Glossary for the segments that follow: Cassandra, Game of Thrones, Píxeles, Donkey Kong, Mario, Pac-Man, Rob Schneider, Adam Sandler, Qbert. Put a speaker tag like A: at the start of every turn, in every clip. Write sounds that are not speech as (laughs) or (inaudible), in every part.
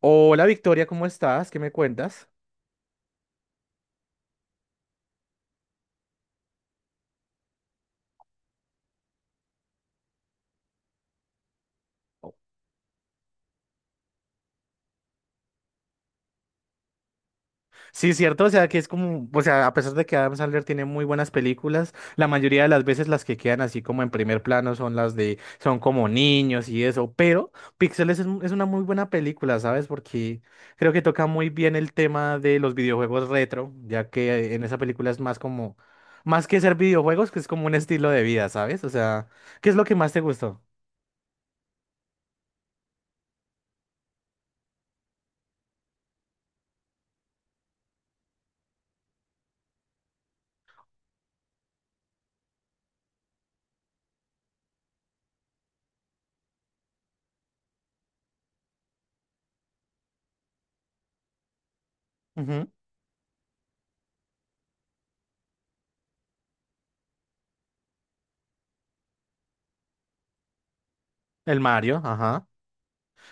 A: Hola Victoria, ¿cómo estás? ¿Qué me cuentas? Sí, cierto, o sea que es como, o sea, a pesar de que Adam Sandler tiene muy buenas películas, la mayoría de las veces las que quedan así como en primer plano son las de, son como niños y eso, pero Píxeles es, es una muy buena película, ¿sabes? Porque creo que toca muy bien el tema de los videojuegos retro, ya que en esa película es más como, más que ser videojuegos, que es como un estilo de vida, ¿sabes? O sea, ¿qué es lo que más te gustó? Ujú. El Mario, ajá.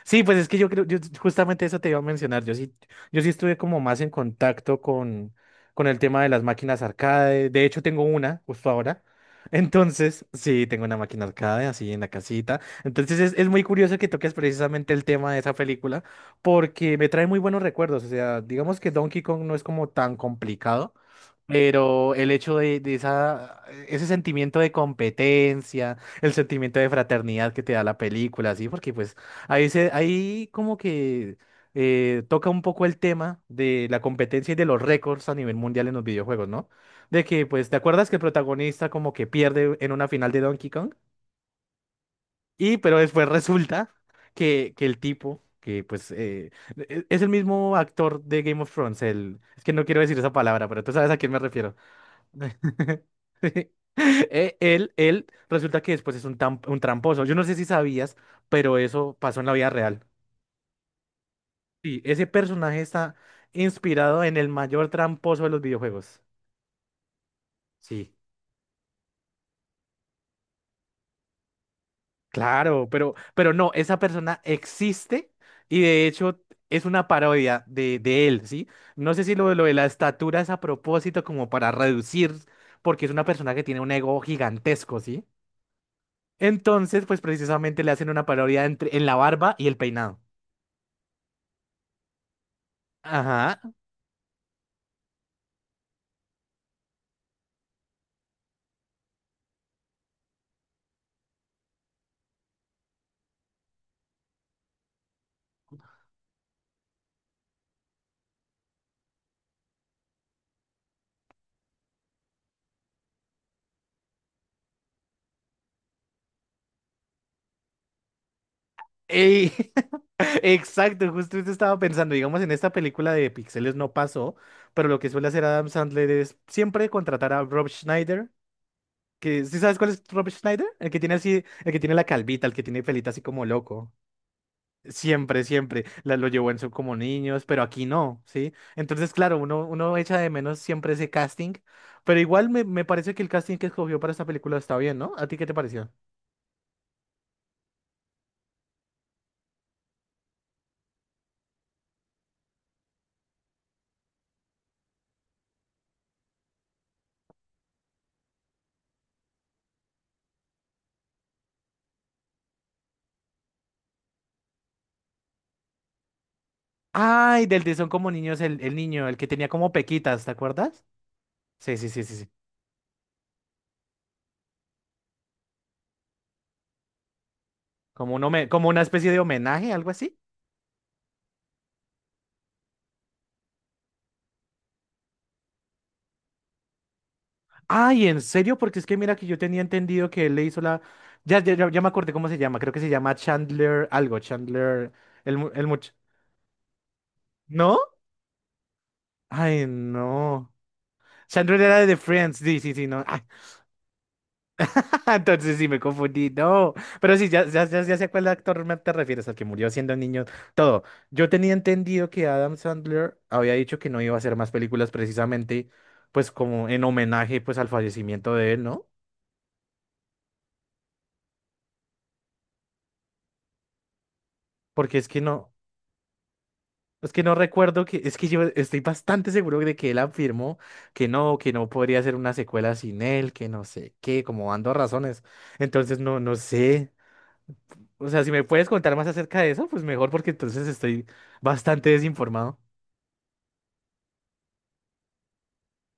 A: Sí, pues es que yo creo, yo justamente eso te iba a mencionar. Yo sí, yo sí estuve como más en contacto con el tema de las máquinas arcade. De hecho, tengo una justo ahora. (laughs) Entonces, sí, tengo una máquina arcade así en la casita. Entonces, es muy curioso que toques precisamente el tema de esa película porque me trae muy buenos recuerdos. O sea, digamos que Donkey Kong no es como tan complicado. Pero el hecho de esa, ese sentimiento de competencia, el sentimiento de fraternidad que te da la película, ¿sí? Porque pues ahí, ahí como que toca un poco el tema de la competencia y de los récords a nivel mundial en los videojuegos, ¿no? De que, pues, ¿te acuerdas que el protagonista como que pierde en una final de Donkey Kong? Y pero después (laughs) resulta que el tipo, que pues es el mismo actor de Game of Thrones, el, es que no quiero decir esa palabra, pero tú sabes a quién me refiero. (laughs) Él, él resulta que después es un, un tramposo. Yo no sé si sabías, pero eso pasó en la vida real. Sí, ese personaje está inspirado en el mayor tramposo de los videojuegos. Sí, claro, pero no, esa persona existe y de hecho es una parodia de él, ¿sí? No sé si lo, lo de la estatura es a propósito como para reducir, porque es una persona que tiene un ego gigantesco, ¿sí? Entonces, pues precisamente le hacen una parodia entre, en la barba y el peinado. Ajá. Ey, (laughs) exacto, justo eso estaba pensando, digamos, en esta película de Pixeles no pasó, pero lo que suele hacer Adam Sandler es siempre contratar a Rob Schneider, que ¿sí sabes cuál es Rob Schneider? El que tiene así, el que tiene la calvita, el que tiene pelita así como loco. Siempre, siempre la, lo llevó en su como niños, pero aquí no, ¿sí? Entonces, claro, uno, uno echa de menos siempre ese casting, pero igual me, me parece que el casting que escogió para esta película está bien, ¿no? ¿A ti qué te pareció? Ay, del de Son como niños, el niño, el que tenía como pequitas, ¿te acuerdas? Sí, sí, sí, sí, sí. Como, como una especie de homenaje, algo así. Ay, ¿en serio? Porque es que mira que yo tenía entendido que él le hizo la... Ya, ya, ya me acordé cómo se llama. Creo que se llama Chandler algo. Chandler... El, el much... ¿No? Ay, no. Chandler era de The Friends. Sí, sí, sí, no. (laughs) Ay, entonces sí me confundí. No. Pero sí, ya, ya, ya, ya sé a cuál actor me te refieres, al que murió siendo niño. Todo. Yo tenía entendido que Adam Sandler había dicho que no iba a hacer más películas precisamente, pues como en homenaje pues al fallecimiento de él, ¿no? Porque es que no recuerdo que, es que yo estoy bastante seguro de que él afirmó que no podría ser una secuela sin él, que no sé qué, como dando razones. Entonces no, no sé. O sea, si me puedes contar más acerca de eso, pues mejor porque entonces estoy bastante desinformado.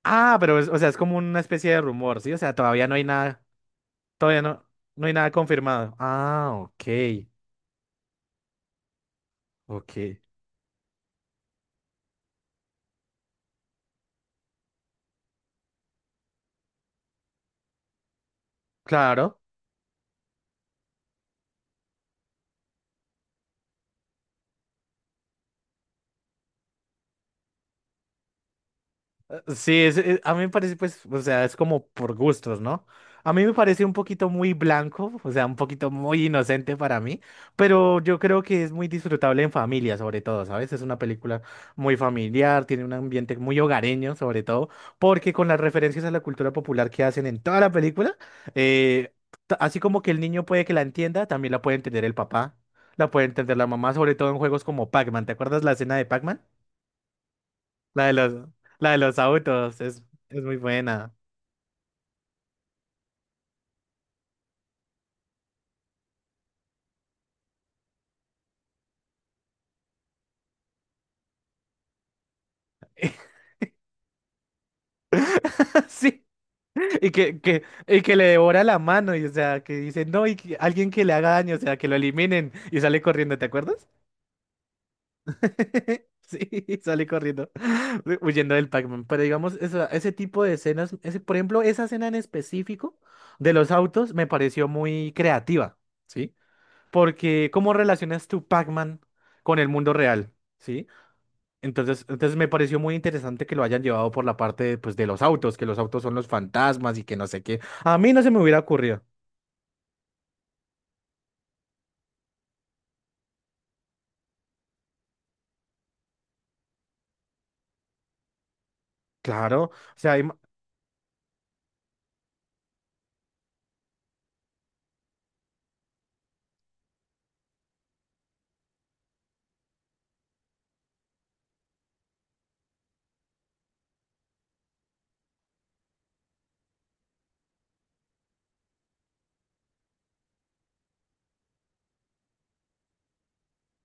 A: Ah, pero es, o sea, es como una especie de rumor, ¿sí? O sea, todavía no hay nada, todavía no, no hay nada confirmado. Ah, ok, ok. Claro. Sí, a mí me parece, pues, o sea, es como por gustos, ¿no? A mí me parece un poquito muy blanco, o sea, un poquito muy inocente para mí, pero yo creo que es muy disfrutable en familia, sobre todo, ¿sabes? Es una película muy familiar, tiene un ambiente muy hogareño, sobre todo, porque con las referencias a la cultura popular que hacen en toda la película, eh, así como que el niño puede que la entienda, también la puede entender el papá, la puede entender la mamá, sobre todo en juegos como Pac-Man. ¿Te acuerdas la escena de Pac-Man? La de los, la de los autos es muy buena. (laughs) Sí, y que, y que le devora la mano, y o sea, que dice, no, alguien que le haga daño, o sea, que lo eliminen, y sale corriendo, ¿te acuerdas? (laughs) Sí, sale corriendo, (laughs) huyendo del Pac-Man. Pero digamos, ese tipo de escenas, ese, por ejemplo, esa escena en específico de los autos me pareció muy creativa, ¿sí? Porque, ¿cómo relacionas tu Pac-Man con el mundo real? ¿Sí? Entonces, entonces me pareció muy interesante que lo hayan llevado por la parte de, pues, de los autos, que los autos son los fantasmas y que no sé qué. A mí no se me hubiera ocurrido. Claro, o sea, ima-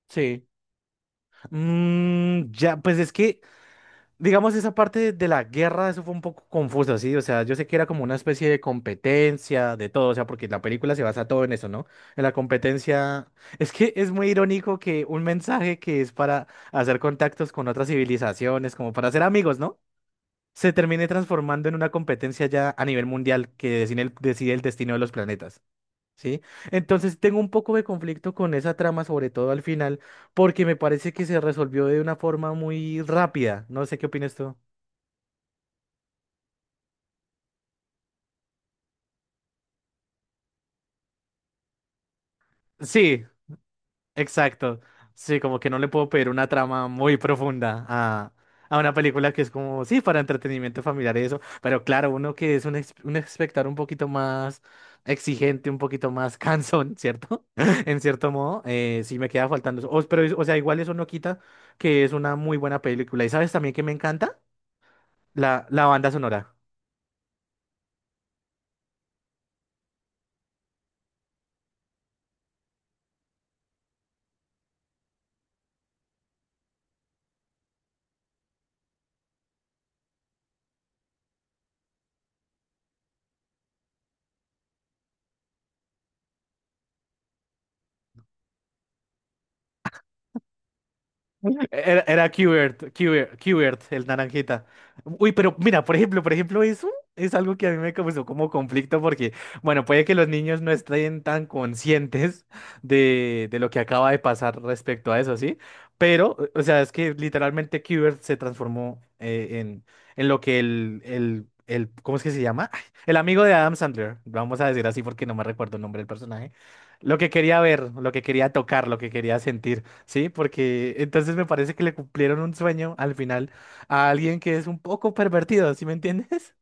A: sí. Mm, ya, pues es que, digamos, esa parte de la guerra, eso fue un poco confuso, ¿sí? O sea, yo sé que era como una especie de competencia, de todo, o sea, porque la película se basa todo en eso, ¿no? En la competencia. Es que es muy irónico que un mensaje que es para hacer contactos con otras civilizaciones, como para ser amigos, ¿no? Se termine transformando en una competencia ya a nivel mundial que decide el destino de los planetas, ¿sí? Entonces tengo un poco de conflicto con esa trama, sobre todo al final, porque me parece que se resolvió de una forma muy rápida. No sé qué opinas tú. Sí, exacto. Sí, como que no le puedo pedir una trama muy profunda a una película que es como, sí, para entretenimiento familiar y eso, pero claro, uno que es un, un espectador un poquito más exigente, un poquito más cansón, ¿cierto? (laughs) En cierto modo, sí me queda faltando eso. Pero, o sea, igual eso no quita que es una muy buena película. ¿Y sabes también que me encanta? La banda sonora. Era, era Qbert, Qbert, Qbert, el naranjita. Uy, pero mira, por ejemplo, eso es algo que a mí me causó como conflicto porque, bueno, puede que los niños no estén tan conscientes de lo que acaba de pasar respecto a eso, ¿sí? Pero, o sea, es que literalmente Qbert se transformó en lo que el, ¿cómo es que se llama? Ay, el amigo de Adam Sandler, vamos a decir así porque no me recuerdo el nombre del personaje. Lo que quería ver, lo que quería tocar, lo que quería sentir. Sí, porque entonces me parece que le cumplieron un sueño al final a alguien que es un poco pervertido, ¿sí me entiendes?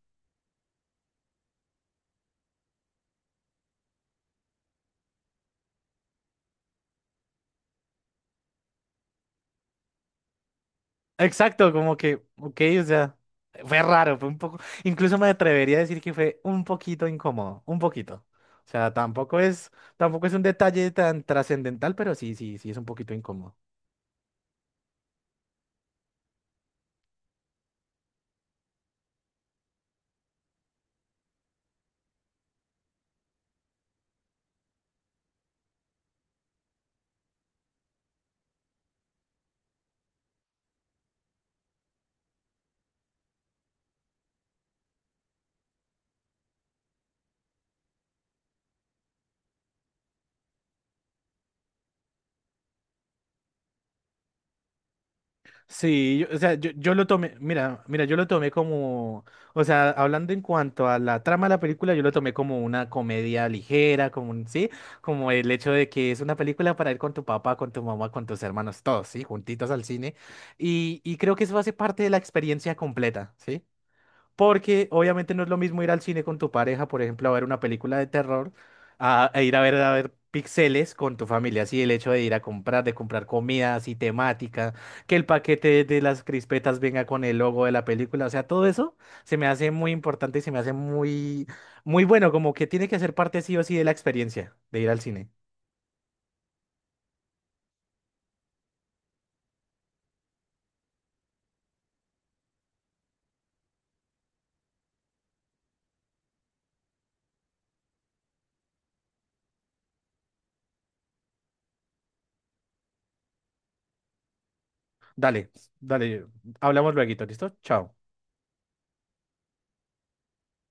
A: (laughs) Exacto, como que, ok, o sea, fue raro, fue un poco, incluso me atrevería a decir que fue un poquito incómodo, un poquito. O sea, tampoco es, tampoco es un detalle tan trascendental, pero sí, sí, sí es un poquito incómodo. Sí, yo- o sea, yo lo tomé, mira, mira, yo lo tomé como, o sea, hablando en cuanto a la trama de la película, yo lo tomé como una comedia ligera, como un, sí, como el hecho de que es una película para ir con tu papá, con tu mamá, con tus hermanos, todos, sí, juntitos al cine, y creo que eso hace parte de la experiencia completa, ¿sí? Porque obviamente no es lo mismo ir al cine con tu pareja, por ejemplo, a ver una película de terror, a, e ir a ver píxeles con tu familia. Así el hecho de ir a comprar, de comprar comida así temática, que el paquete de las crispetas venga con el logo de la película. O sea, todo eso se me hace muy importante y se me hace muy, muy bueno, como que tiene que ser parte sí o sí de la experiencia de ir al cine. Dale, dale, hablamos luego, ¿listo? Chao.